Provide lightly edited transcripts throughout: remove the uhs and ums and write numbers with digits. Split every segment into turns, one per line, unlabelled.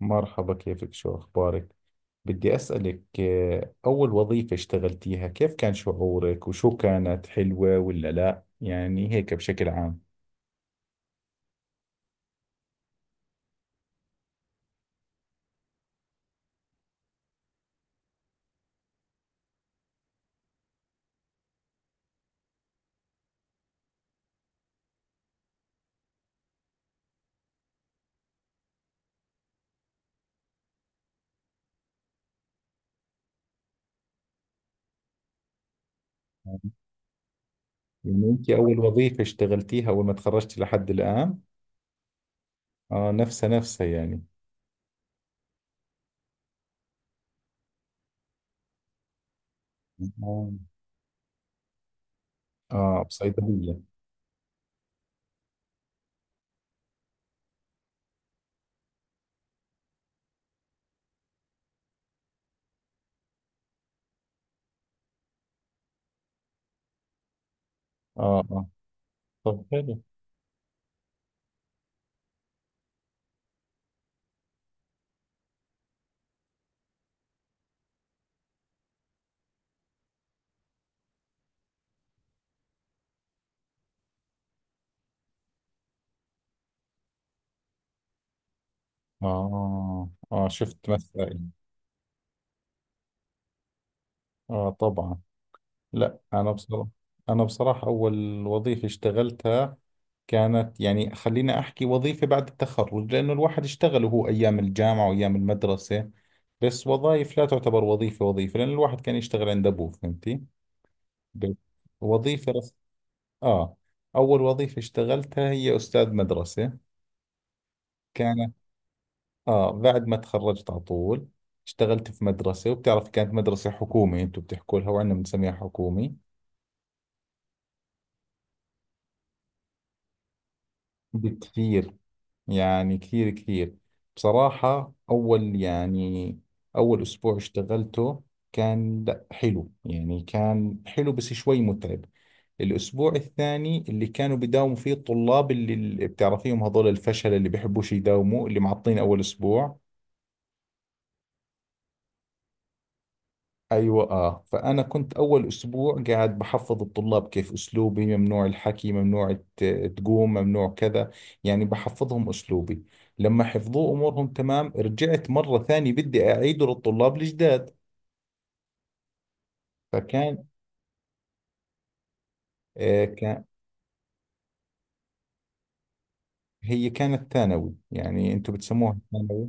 مرحبا، كيفك؟ شو أخبارك؟ بدي أسألك أول وظيفة اشتغلتيها كيف كان شعورك وشو، كانت حلوة ولا لا؟ يعني هيك بشكل عام. يعني أنت أول وظيفة اشتغلتيها أول ما تخرجتي لحد الآن؟ آه، نفسها يعني. آه. آه، بصيدلية. آه آه. طب حلو. آه آه، شفت مثلا. آه طبعا. لا أنا بصراحة. أول وظيفة اشتغلتها كانت، يعني خليني أحكي وظيفة بعد التخرج، لأنه الواحد اشتغل وهو أيام الجامعة وأيام المدرسة، بس وظائف لا تعتبر وظيفة. وظيفة لأن الواحد كان يشتغل عند أبوه، فهمتي؟ ب- وظيفة رس... آه. أول وظيفة اشتغلتها هي أستاذ مدرسة. كانت، آه، بعد ما تخرجت على طول اشتغلت في مدرسة. وبتعرف كانت مدرسة حكومي، أنتم بتحكوا لها وعندنا بنسميها حكومي. بكثير. يعني كثير. بصراحة أول أسبوع اشتغلته كان، لا حلو، يعني كان حلو بس شوي متعب. الأسبوع الثاني اللي كانوا بيداوموا فيه الطلاب، اللي بتعرفيهم، هذول الفشل اللي بيحبوش يداوموا، اللي معطين أول أسبوع. ايوه. اه، فانا كنت اول اسبوع قاعد بحفظ الطلاب كيف اسلوبي. ممنوع الحكي، ممنوع تقوم، ممنوع كذا. يعني بحفظهم اسلوبي. لما حفظوه امورهم تمام، رجعت مره ثانيه بدي اعيده للطلاب الجداد. فكان، آه كان، هي كانت ثانوي، يعني انتم بتسموها ثانوي.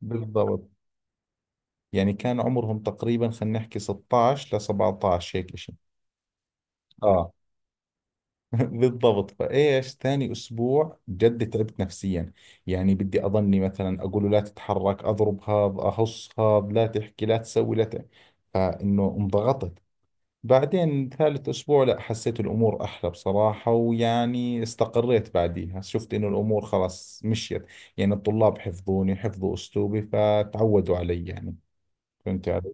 بالضبط. يعني كان عمرهم تقريبا، خلينا نحكي 16 ل 17، هيك شيء. اه بالضبط. فايش، ثاني اسبوع جد تعبت نفسيا. يعني بدي اضلني مثلا اقول له لا تتحرك، اضرب هذا، اهص هذا، لا تحكي، لا تسوي، لا ت... فانه انضغطت. بعدين ثالث اسبوع، لا، حسيت الامور احلى بصراحة، ويعني استقريت بعديها، شفت انه الامور خلاص مشيت. يعني الطلاب حفظوني، حفظوا اسلوبي فتعودوا علي يعني، فهمت علي.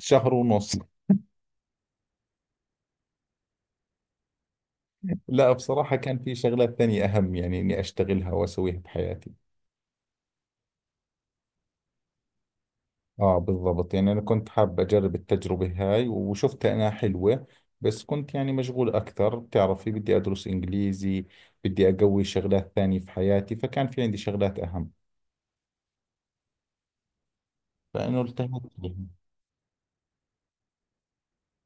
شهر ونص. لا بصراحة كان في شغلات ثانية اهم يعني اني اشتغلها واسويها بحياتي. اه بالضبط، يعني انا كنت حاب اجرب التجربة هاي وشفتها انها حلوة، بس كنت يعني مشغول اكثر، بتعرفي بدي ادرس انجليزي، بدي اقوي شغلات ثانية في حياتي، فكان في عندي شغلات اهم، فانه التهيت لها.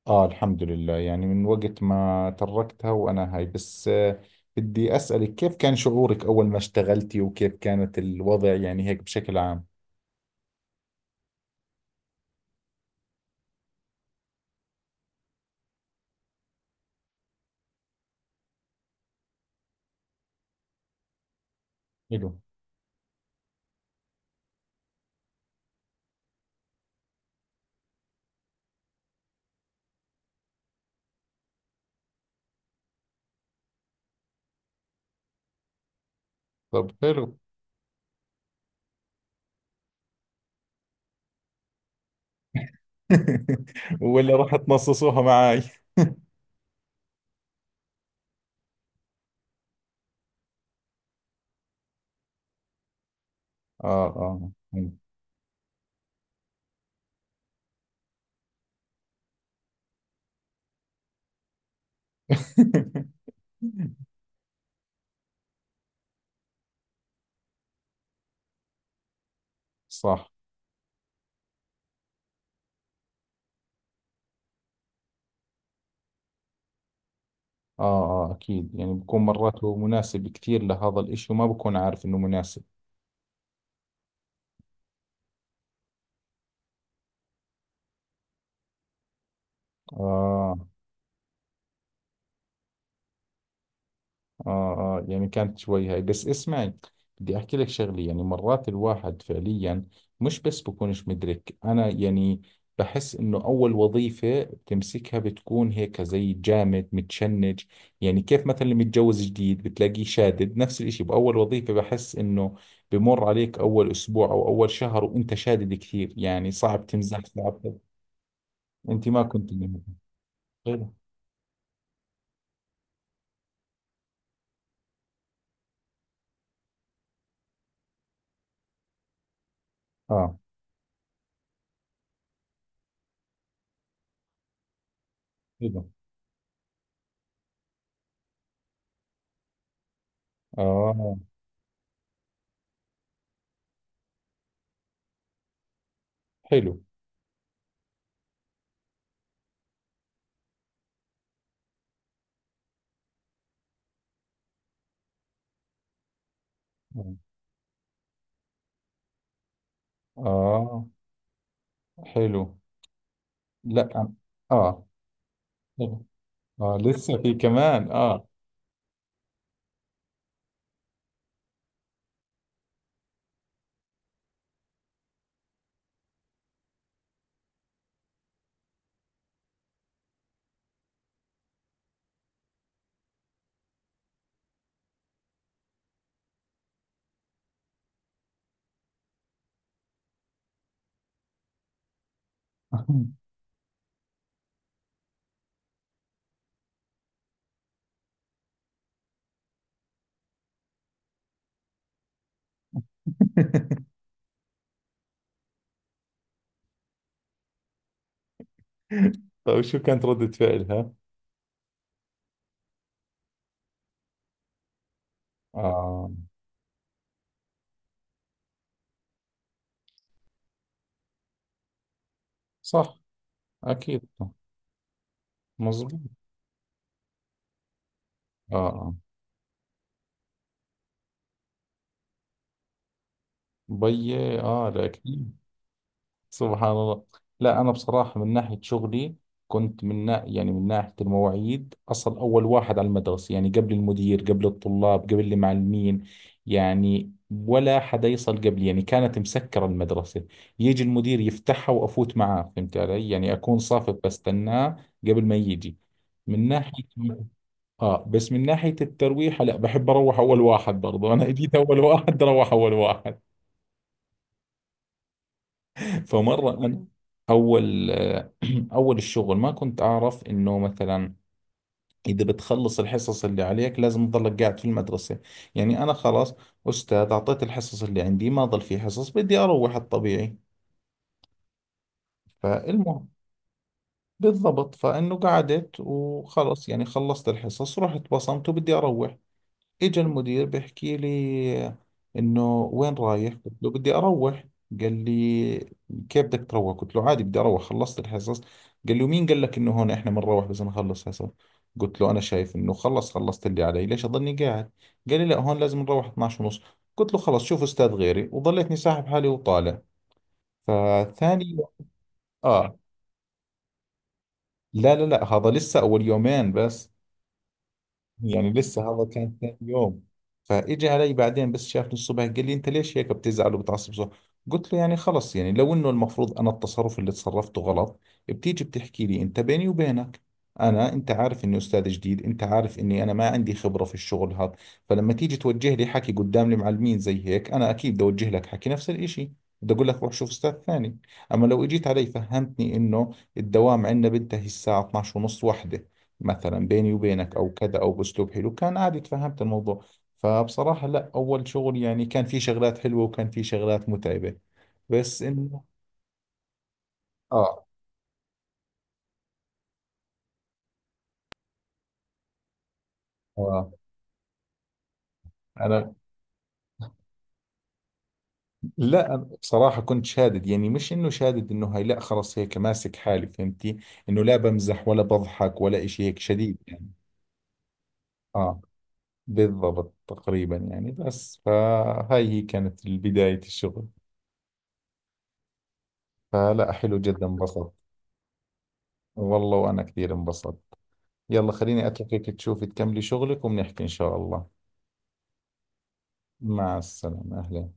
اه الحمد لله، يعني من وقت ما تركتها وانا هاي، بس بدي اسألك كيف كان شعورك اول ما اشتغلتي وكيف كانت الوضع، يعني هيك بشكل عام. حلو. طب حلو. ولا راح تنصصوها معاي. اه اه. صح. آه آه أكيد، يعني بكون مرات هو مناسب كثير لهذا الإشي وما بكون عارف إنه مناسب. آه. آه، آه يعني كانت شوي هاي، بس اسمعي، بدي أحكي لك شغلة. يعني مرات الواحد فعليا، مش بس بكونش مدرك أنا يعني، بحس إنه أول وظيفة بتمسكها بتكون هيك زي جامد متشنج. يعني كيف مثلا اللي متجوز جديد بتلاقيه شادد، نفس الإشي بأول وظيفة، بحس إنه بمر عليك أول أسبوع أو أول شهر وأنت شادد كثير، يعني صعب تمزح، صعب. أنت ما كنت منهم. حلو. آه. حلو. آه. حلو. آه. آه. حلو. لا أم- اه طبعا. اه لسه في كمان اه. طيب شو كانت ردة فعلها؟ اه. صح. اكيد. مظبوط. اه آه. بيي، اه، الاكيد. سبحان الله. لا أنا بصراحة من ناحية شغلي كنت يعني من ناحية المواعيد، أصل أول واحد على المدرسة، يعني قبل المدير، قبل الطلاب، قبل المعلمين. يعني ولا حدا يصل قبلي، يعني كانت مسكرة المدرسة، يجي المدير يفتحها وأفوت معاه، فهمت علي؟ يعني أكون صافف بستناه قبل ما يجي. من ناحية، آه، بس من ناحية الترويحة لا، بحب أروح أول واحد برضه. أنا جيت أول واحد أروح أول واحد. فمرة أنا، أول أول الشغل ما كنت أعرف إنه مثلا إذا بتخلص الحصص اللي عليك لازم تضلك قاعد في المدرسة. يعني أنا خلاص، أستاذ، أعطيت الحصص اللي عندي، ما ضل في حصص، بدي أروح، الطبيعي. فالمهم بالضبط، فإنه قعدت وخلص، يعني خلصت الحصص رحت بصمت وبدي أروح. اجى المدير بيحكي لي انه وين رايح؟ قلت له بدي اروح. قال لي كيف بدك تروح؟ قلت له عادي بدي اروح، خلصت الحصص. قال لي ومين قال لك انه هون احنا بنروح بس نخلص حصص؟ قلت له انا شايف انه خلص، خلصت اللي علي، ليش اضلني قاعد؟ قال لي لا هون لازم نروح 12 ونص. قلت له خلص شوف استاذ غيري، وظليتني ساحب حالي وطالع. فثاني يوم، اه لا لا لا، هذا لسه اول يومين بس، يعني لسه هذا كان ثاني يوم. فاجى علي بعدين، بس شافني الصبح قال لي انت ليش هيك بتزعل وبتعصب، صح؟ قلت له يعني خلص، يعني لو انه المفروض انا التصرف اللي تصرفته غلط، بتيجي بتحكي لي انت بيني وبينك. انا، انت عارف اني استاذ جديد، انت عارف اني انا ما عندي خبرة في الشغل هذا، فلما تيجي توجه لي حكي قدام المعلمين زي هيك، انا اكيد بدي اوجه لك حكي نفس الاشي، بدي اقول لك روح شوف استاذ ثاني. اما لو اجيت علي فهمتني انه الدوام عندنا بينتهي الساعة 12 ونص واحدة مثلا، بيني وبينك او كذا، او باسلوب حلو، كان عادي تفهمت الموضوع. فبصراحة لا، اول شغل يعني كان في شغلات حلوة وكان في شغلات متعبة، بس انه، اه اه. انا، لا أنا بصراحة كنت شادد، يعني مش انه شادد انه هاي، لا خلص هيك ماسك حالي فهمتي؟ انه لا بمزح ولا بضحك ولا اشي، هيك شديد يعني. اه بالضبط تقريبا، يعني بس فهاي هي كانت بداية الشغل. فلا حلو جدا، انبسطت. والله وانا كثير انبسطت. يلا خليني اتركك تشوفي تكملي شغلك، وبنحكي ان شاء الله. مع السلامة، اهلا.